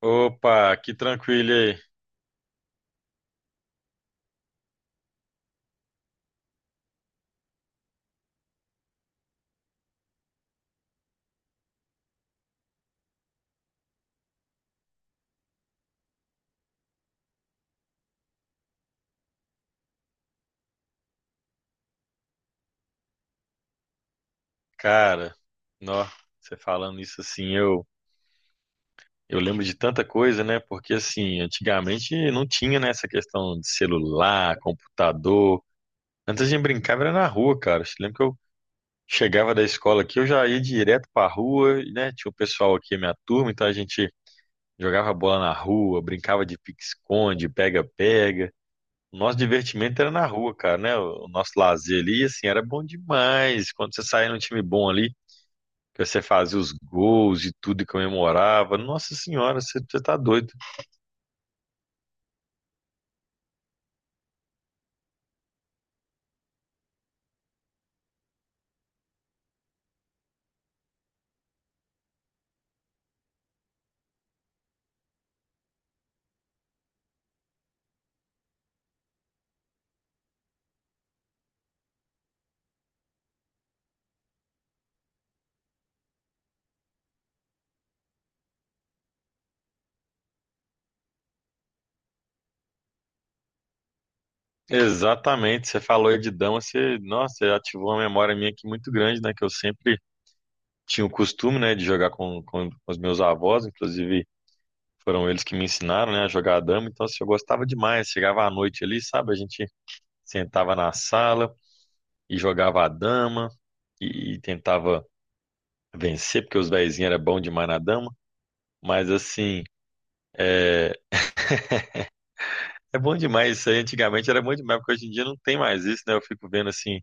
Opa, que tranquilo aí. Cara, nó, você falando isso assim, eu lembro de tanta coisa, né? Porque assim, antigamente não tinha, né, essa questão de celular, computador. Antes a gente brincava era na rua, cara. Eu lembro que eu chegava da escola aqui, eu já ia direto pra rua, e, né? Tinha o pessoal aqui, a minha turma, então a gente jogava bola na rua, brincava de pique-esconde, pega-pega. O nosso divertimento era na rua, cara, né? O nosso lazer ali, assim, era bom demais. Quando você saía num time bom ali, que você fazia os gols e tudo e comemorava. Nossa senhora, você tá doido. Exatamente, você falou aí de dama, você, nossa, você ativou uma memória minha aqui muito grande, né? Que eu sempre tinha o costume, né, de jogar com os meus avós, inclusive foram eles que me ensinaram, né, a jogar dama. Então, assim, eu gostava demais. Chegava à noite ali, sabe? A gente sentava na sala e jogava a dama e, tentava vencer, porque os vezinhos eram bons demais na dama. Mas, assim, é, é bom demais isso aí. Antigamente era bom demais, porque hoje em dia não tem mais isso, né? Eu fico vendo assim,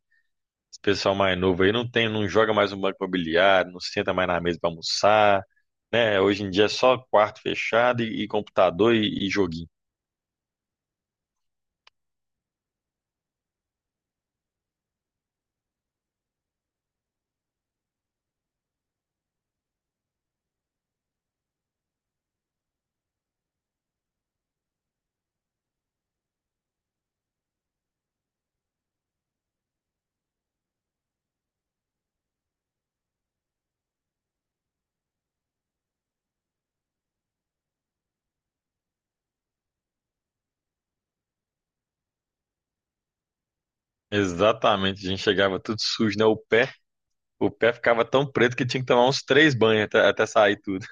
esse pessoal mais novo aí não tem, não joga mais um banco imobiliário, não senta mais na mesa para almoçar, né? Hoje em dia é só quarto fechado e computador e joguinho. Exatamente, a gente chegava tudo sujo, né? O pé ficava tão preto que tinha que tomar uns 3 banhos até sair tudo.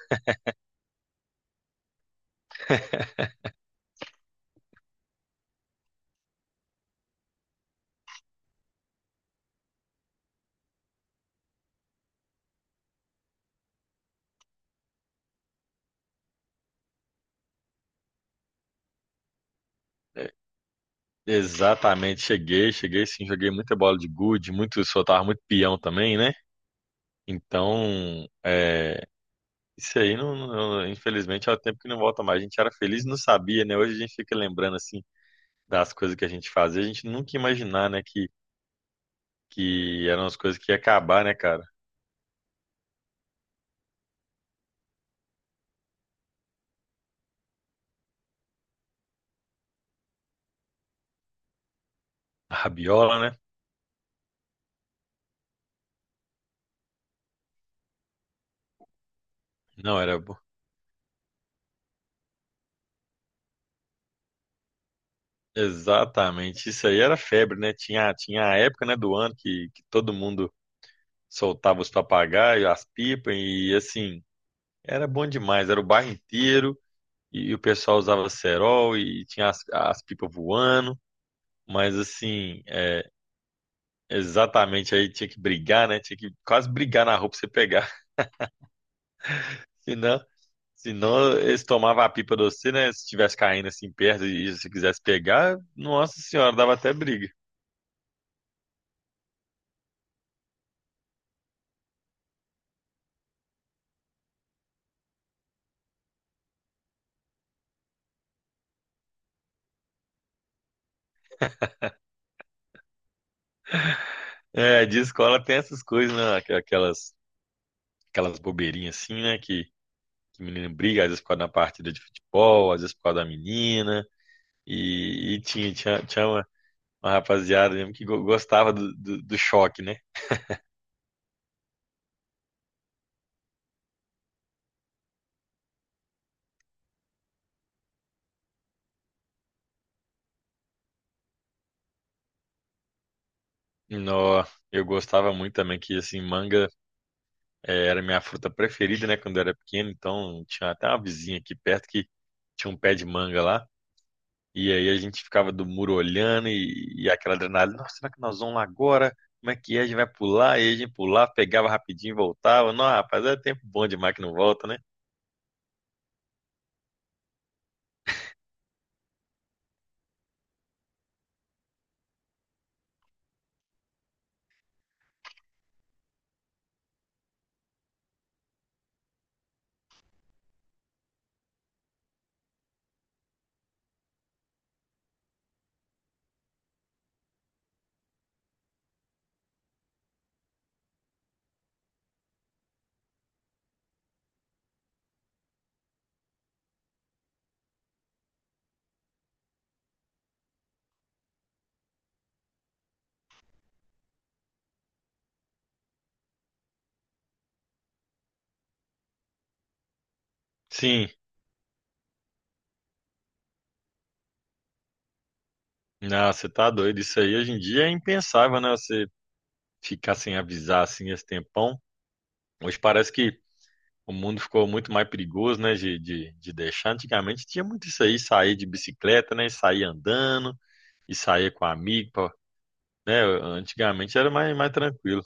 É, exatamente, cheguei sim, joguei muita bola de gude, muito, soltava muito peão também, né? Então, é, Isso aí, infelizmente, é o tempo que não volta mais. A gente era feliz e não sabia, né? Hoje a gente fica lembrando, assim, das coisas que a gente fazia. A gente nunca ia imaginar, né, que eram as coisas que ia acabar, né, cara? A rabiola, né? Não, era... bo- Exatamente. Isso aí era febre, né? Tinha a época, né, do ano que todo mundo soltava os papagaios, as pipas e, assim, era bom demais. Era o bairro inteiro e o pessoal usava cerol e tinha as pipas voando. Mas, assim... é, Exatamente, aí tinha que brigar, né? Tinha que quase brigar na rua pra você pegar. Senão, senão eles tomavam a pipa de você, né? Se estivesse caindo assim perto e se quisesse pegar, nossa senhora, dava até briga. É, de escola tem essas coisas, né? Aquelas bobeirinhas assim, né? Que menino briga, às vezes por causa da partida de futebol, às vezes por causa da menina. E tinha, tinha uma rapaziada mesmo que gostava do choque, né? Nó, eu gostava muito também que, assim, manga. É, era minha fruta preferida, né, quando eu era pequeno. Então tinha até uma vizinha aqui perto que tinha um pé de manga lá. E aí a gente ficava do muro olhando e aquela adrenalina. Nossa, será que nós vamos lá agora? Como é que é? A gente vai pular? E a gente pulava, pegava rapidinho e voltava. Não, rapaz, é tempo bom demais que não volta, né? Sim, não, você tá doido. Isso aí hoje em dia é impensável, né? Você ficar sem avisar assim esse tempão. Hoje parece que o mundo ficou muito mais perigoso, né, de deixar. Antigamente tinha muito isso aí, sair de bicicleta, né, e sair andando, e sair com amigo, né, antigamente era mais, mais tranquilo.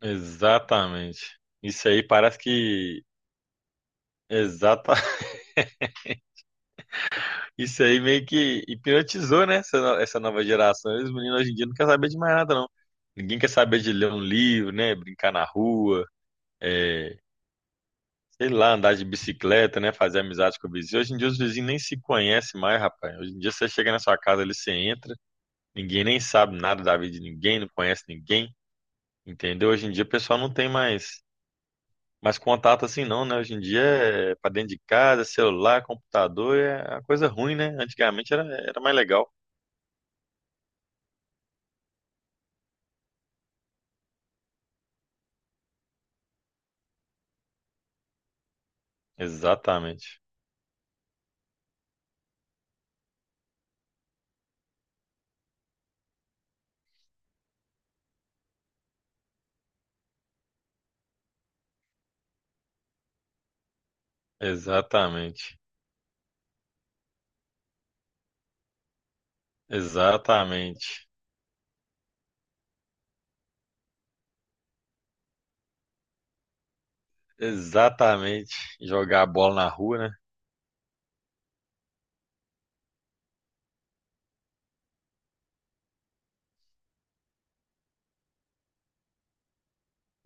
Exatamente. Isso aí parece que, exata, isso aí meio que hipnotizou, né, essa, no- essa nova geração. E os meninos hoje em dia não querem saber de mais nada, não. Ninguém quer saber de ler um livro, né, brincar na rua, eh, sei lá, andar de bicicleta, né? Fazer amizade com o vizinho. Hoje em dia os vizinhos nem se conhecem mais, rapaz. Hoje em dia você chega na sua casa ali, você entra, ninguém nem sabe nada da vida de ninguém, não conhece ninguém, entendeu? Hoje em dia o pessoal não tem mais contato assim não, né? Hoje em dia é pra dentro de casa, celular, computador, é uma coisa ruim, né? Antigamente era mais legal. Exatamente, exatamente, exatamente, exatamente. Jogar a bola na rua, né?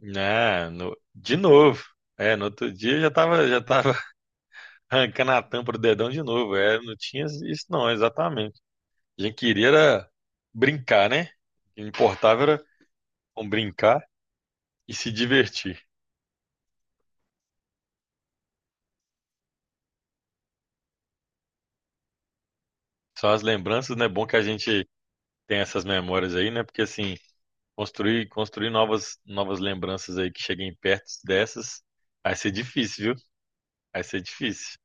Né de novo. É, no outro dia já tava arrancando a tampa do dedão de novo. É, não tinha isso não, exatamente. A gente queria era brincar, né? O que importava era brincar e se divertir. São as lembranças, né? É bom que a gente tem essas memórias aí, né? Porque assim, construir novas lembranças aí que cheguem perto dessas, vai ser difícil, viu? Vai ser difícil.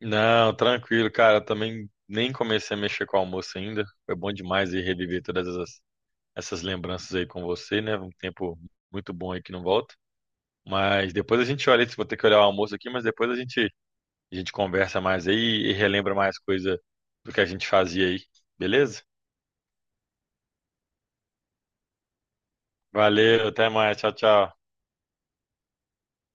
Não, tranquilo, cara. Eu também nem comecei a mexer com o almoço ainda. Foi bom demais ir reviver todas essas, essas lembranças aí com você, né? Um tempo muito bom aí que não volta. Mas depois a gente olha, vou ter que olhar o almoço aqui, mas depois a gente conversa mais aí e relembra mais coisa do que a gente fazia aí. Beleza? Valeu, até mais. Tchau, tchau.